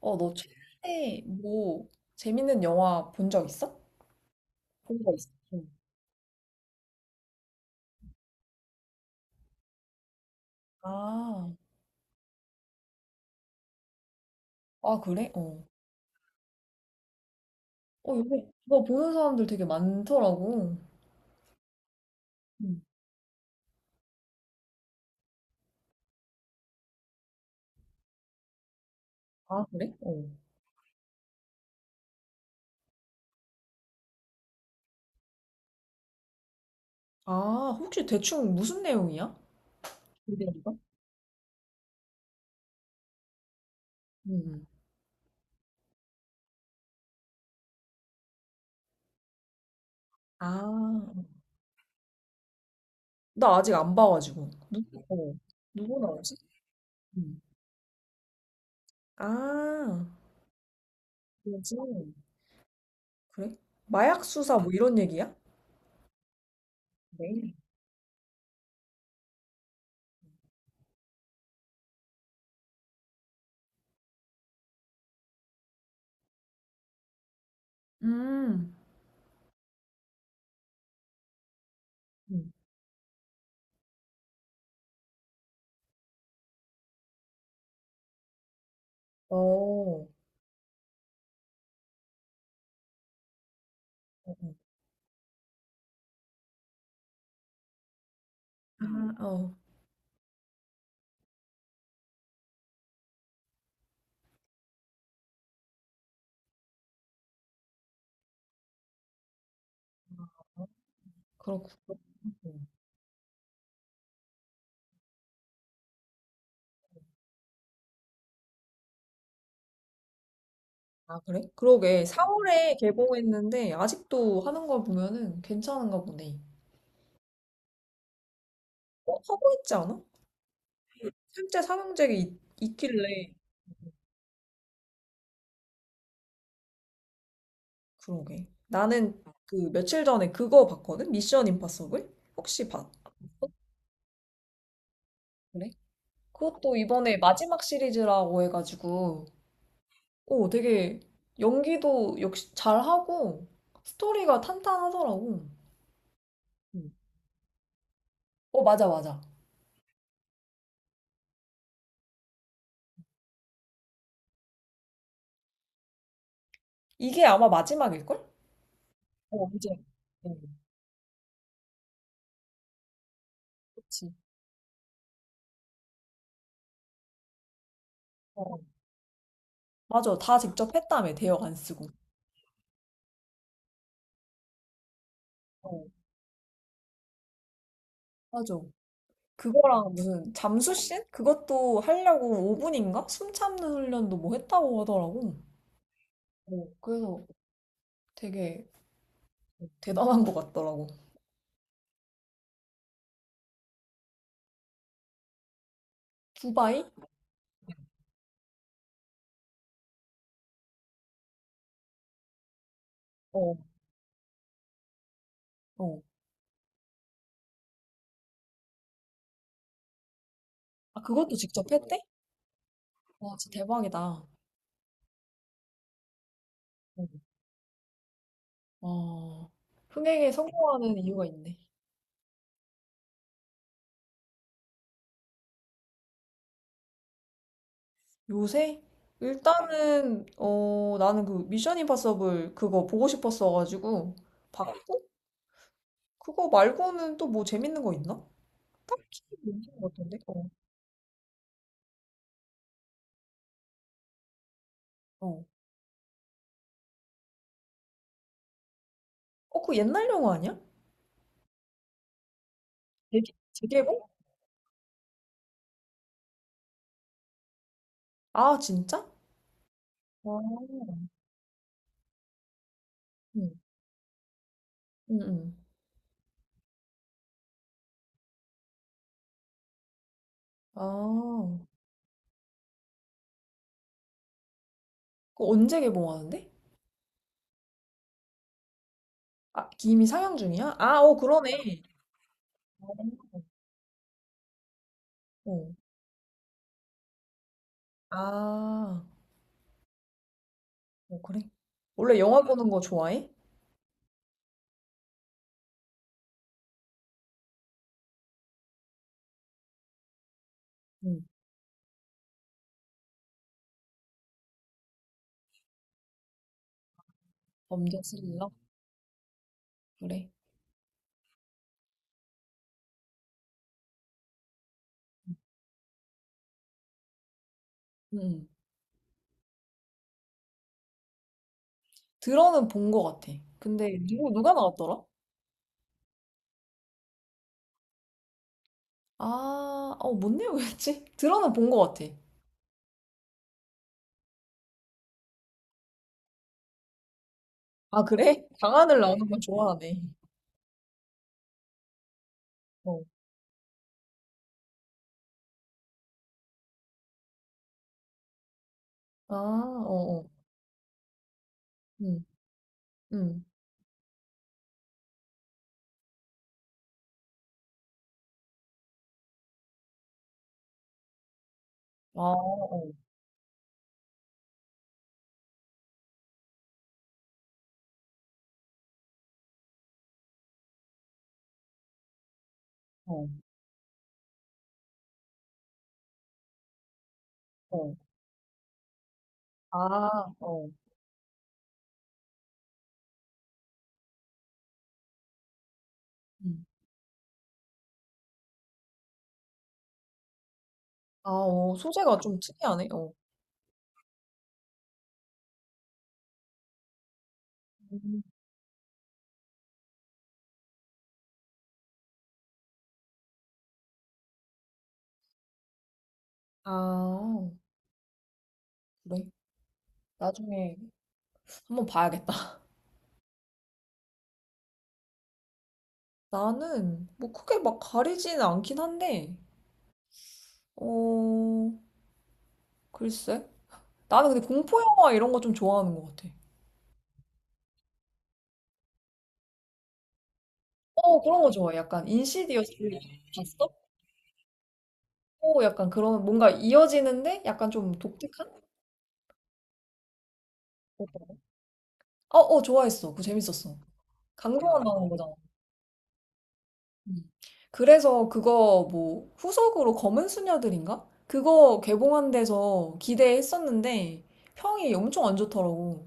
어, 너 최근에 뭐 재밌는 영화 본 적 있어? 본 거 있어. 응. 아, 아 그래? 어. 어, 요새 그거 보는 사람들 되게 많더라고. 응. 아, 그래? 어. 아, 혹시 대충 무슨 내용이야? 그대 이거? 음. 아, 나 아직 안 봐가지고. 누구, 어. 누구 나오지? 응. 아, 그래지 그래? 마약 수사 뭐 이런 얘기야? 네. 음. 응. 어. 어, 어. 아, 어. 그렇구나. 아, 그래? 그러게. 사 4월에 개봉했는데 아직도 하는 걸 보면은 괜찮은가 보네. 어, 하고 있지 않아? 실제 삼형제가 있길래. 그러게. 나는 그 며칠 전에 그거 봤거든? 미션 임파서블? 혹시 봤? 그래? 그것도 이번에 마지막 시리즈라고 해가지고, 오, 되게 연기도 역시 잘하고, 스토리가 탄탄하더라고. 응. 어, 맞아, 맞아. 이게 아마 마지막일걸? 어, 이제. 응. 그치. 어, 맞아. 다 직접 했다며, 대역 안 쓰고. 어, 맞아. 그거랑 무슨 잠수신? 그것도 하려고 5분인가? 숨 참는 훈련도 뭐 했다고 하더라고. 어, 그래서 되게 대단한 것 같더라고. 두바이? 어, 어. 아, 그것도 직접 했대? 와, 진짜 대박이다. 어, 흥행에 성공하는 이유가 있네. 요새? 일단은, 어, 나는 그 미션 임파서블 그거 보고 싶었어가지고, 봤고, 그거 말고는 또 뭐 재밌는 거 있나? 딱히 없는 것 같은데? 어, 어. 어, 그 옛날 영화 아니야? 재개봉? 아, 진짜? 아, 응, 응, 응. 아, 그거 언제 개봉하는데? 아, 이미 상영 중이야? 아, 어, 그러네. 어. 아, 어, 그래. 원래 영화 보는 거 좋아해? 응. 범죄 스릴러? 그래. 응. 응. 들어는 본 거 같아. 근데 누구 누가 나왔더라? 아, 어, 뭔 내용이었지? 들어는 본 거 같아. 아, 그래? 강하늘 나오는 걸건 좋아하네. 어. 아, 어, 어. 응, 응. 아, 어, 어, 어. 아, 어. 응. 아, 어. 소재가 좀 특이하네. 어. 음. 아, 그래. 나중에 한번 봐야겠다. 나는 뭐 크게 막 가리지는 않긴 한데, 어, 글쎄. 나는 근데 공포 영화 이런 거 좀 좋아하는 것 같아. 어, 그런 거 좋아해. 약간 인시디어스 봤어? 어, 약간 그런 뭔가 이어지는데 약간 좀 독특한? 어, 어, 좋아했어. 그거 재밌었어. 강동원 나오는 거잖아. 음. 그래서 그거 뭐 후속으로 검은 수녀들인가? 그거 개봉한 데서 기대했었는데 평이 엄청 안 좋더라고.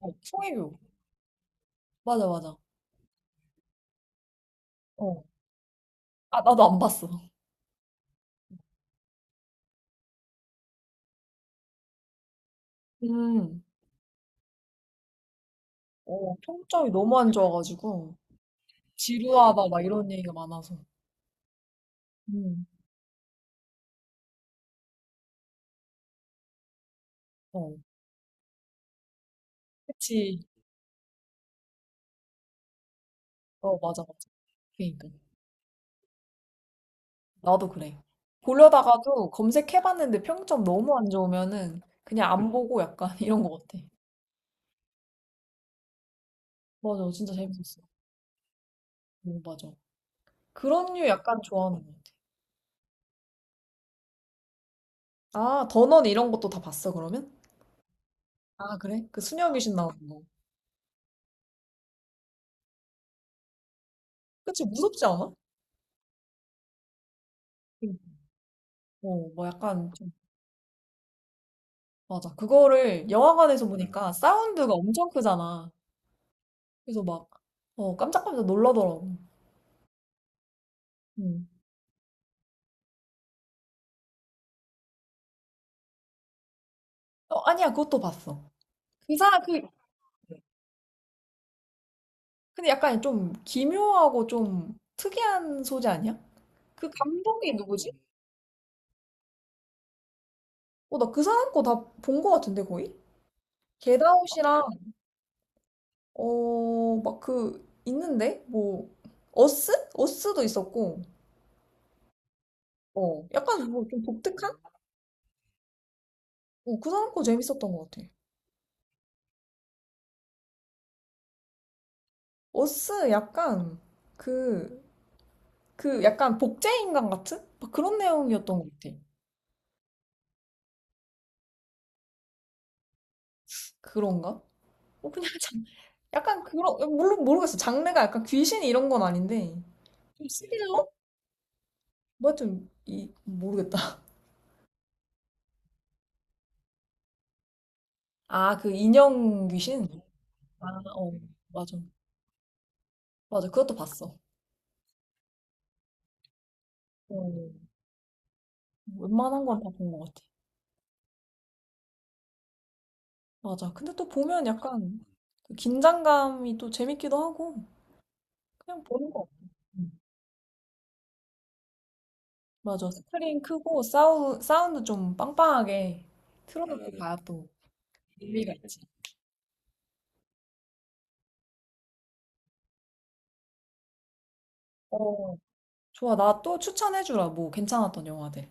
어, 송혜교. 맞아, 맞아. 어. 아, 나도 안 봤어. 음. 어, 평점이 너무 안 좋아가지고 지루하다 막 이런 얘기가 많아서. 음. 어. 그치. 어, 맞아, 맞아. 그러니까. 나도 그래. 보려다가도 검색해봤는데 평점 너무 안 좋으면은 그냥 안 보고 약간 이런 것 같아. 맞아, 진짜 재밌었어. 오, 맞아. 그런 류 약간 좋아하는 것 같아. 아, 더넌 이런 것도 다 봤어, 그러면? 아, 그래? 그 수녀 귀신 나오는 거. 그치, 무섭지 않아? 응. 어, 뭐 약간 좀, 맞아. 그거를 영화관에서 보니까 사운드가 엄청 크잖아. 그래서 막, 어, 깜짝깜짝 놀라더라고. 응. 어, 아니야, 그것도 봤어. 그 사람, 그, 근데 약간 좀 기묘하고 좀 특이한 소재 아니야? 그 감독이 누구지? 어, 나 그 사람 거 다 본 거 같은데, 거의? 겟아웃이랑, 어, 막 그, 있는데? 뭐, 어스? 어스도 있었고, 어. 약간 뭐 좀 독특한? 어, 그 사람 거 재밌었던 것 같아. 어스 약간, 그, 그 약간 복제인간 같은? 막 그런 내용이었던 것 같아. 그런가? 어, 그냥 장 약간 그런, 어, 물론 모르겠어. 장르가 약간 귀신 이런 건 아닌데, 좀 스릴러? 뭐 좀, 이, 모르겠다. 아, 그 인형 귀신? 아, 어, 맞아. 맞아. 그것도 봤어. 어, 웬만한 건 다 본 것 같아. 맞아. 근데 또 보면 약간 그 긴장감이 또 재밌기도 하고, 그냥 보는 것 같아. 음. 맞아. 스크린 크고 사운드 좀 빵빵하게 틀어놓고 봐야 또 의미가 있지. 어, 좋아. 나 또 추천해주라. 뭐 괜찮았던 영화들.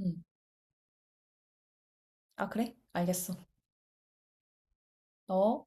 응. 아, 그래? 알겠어. 어?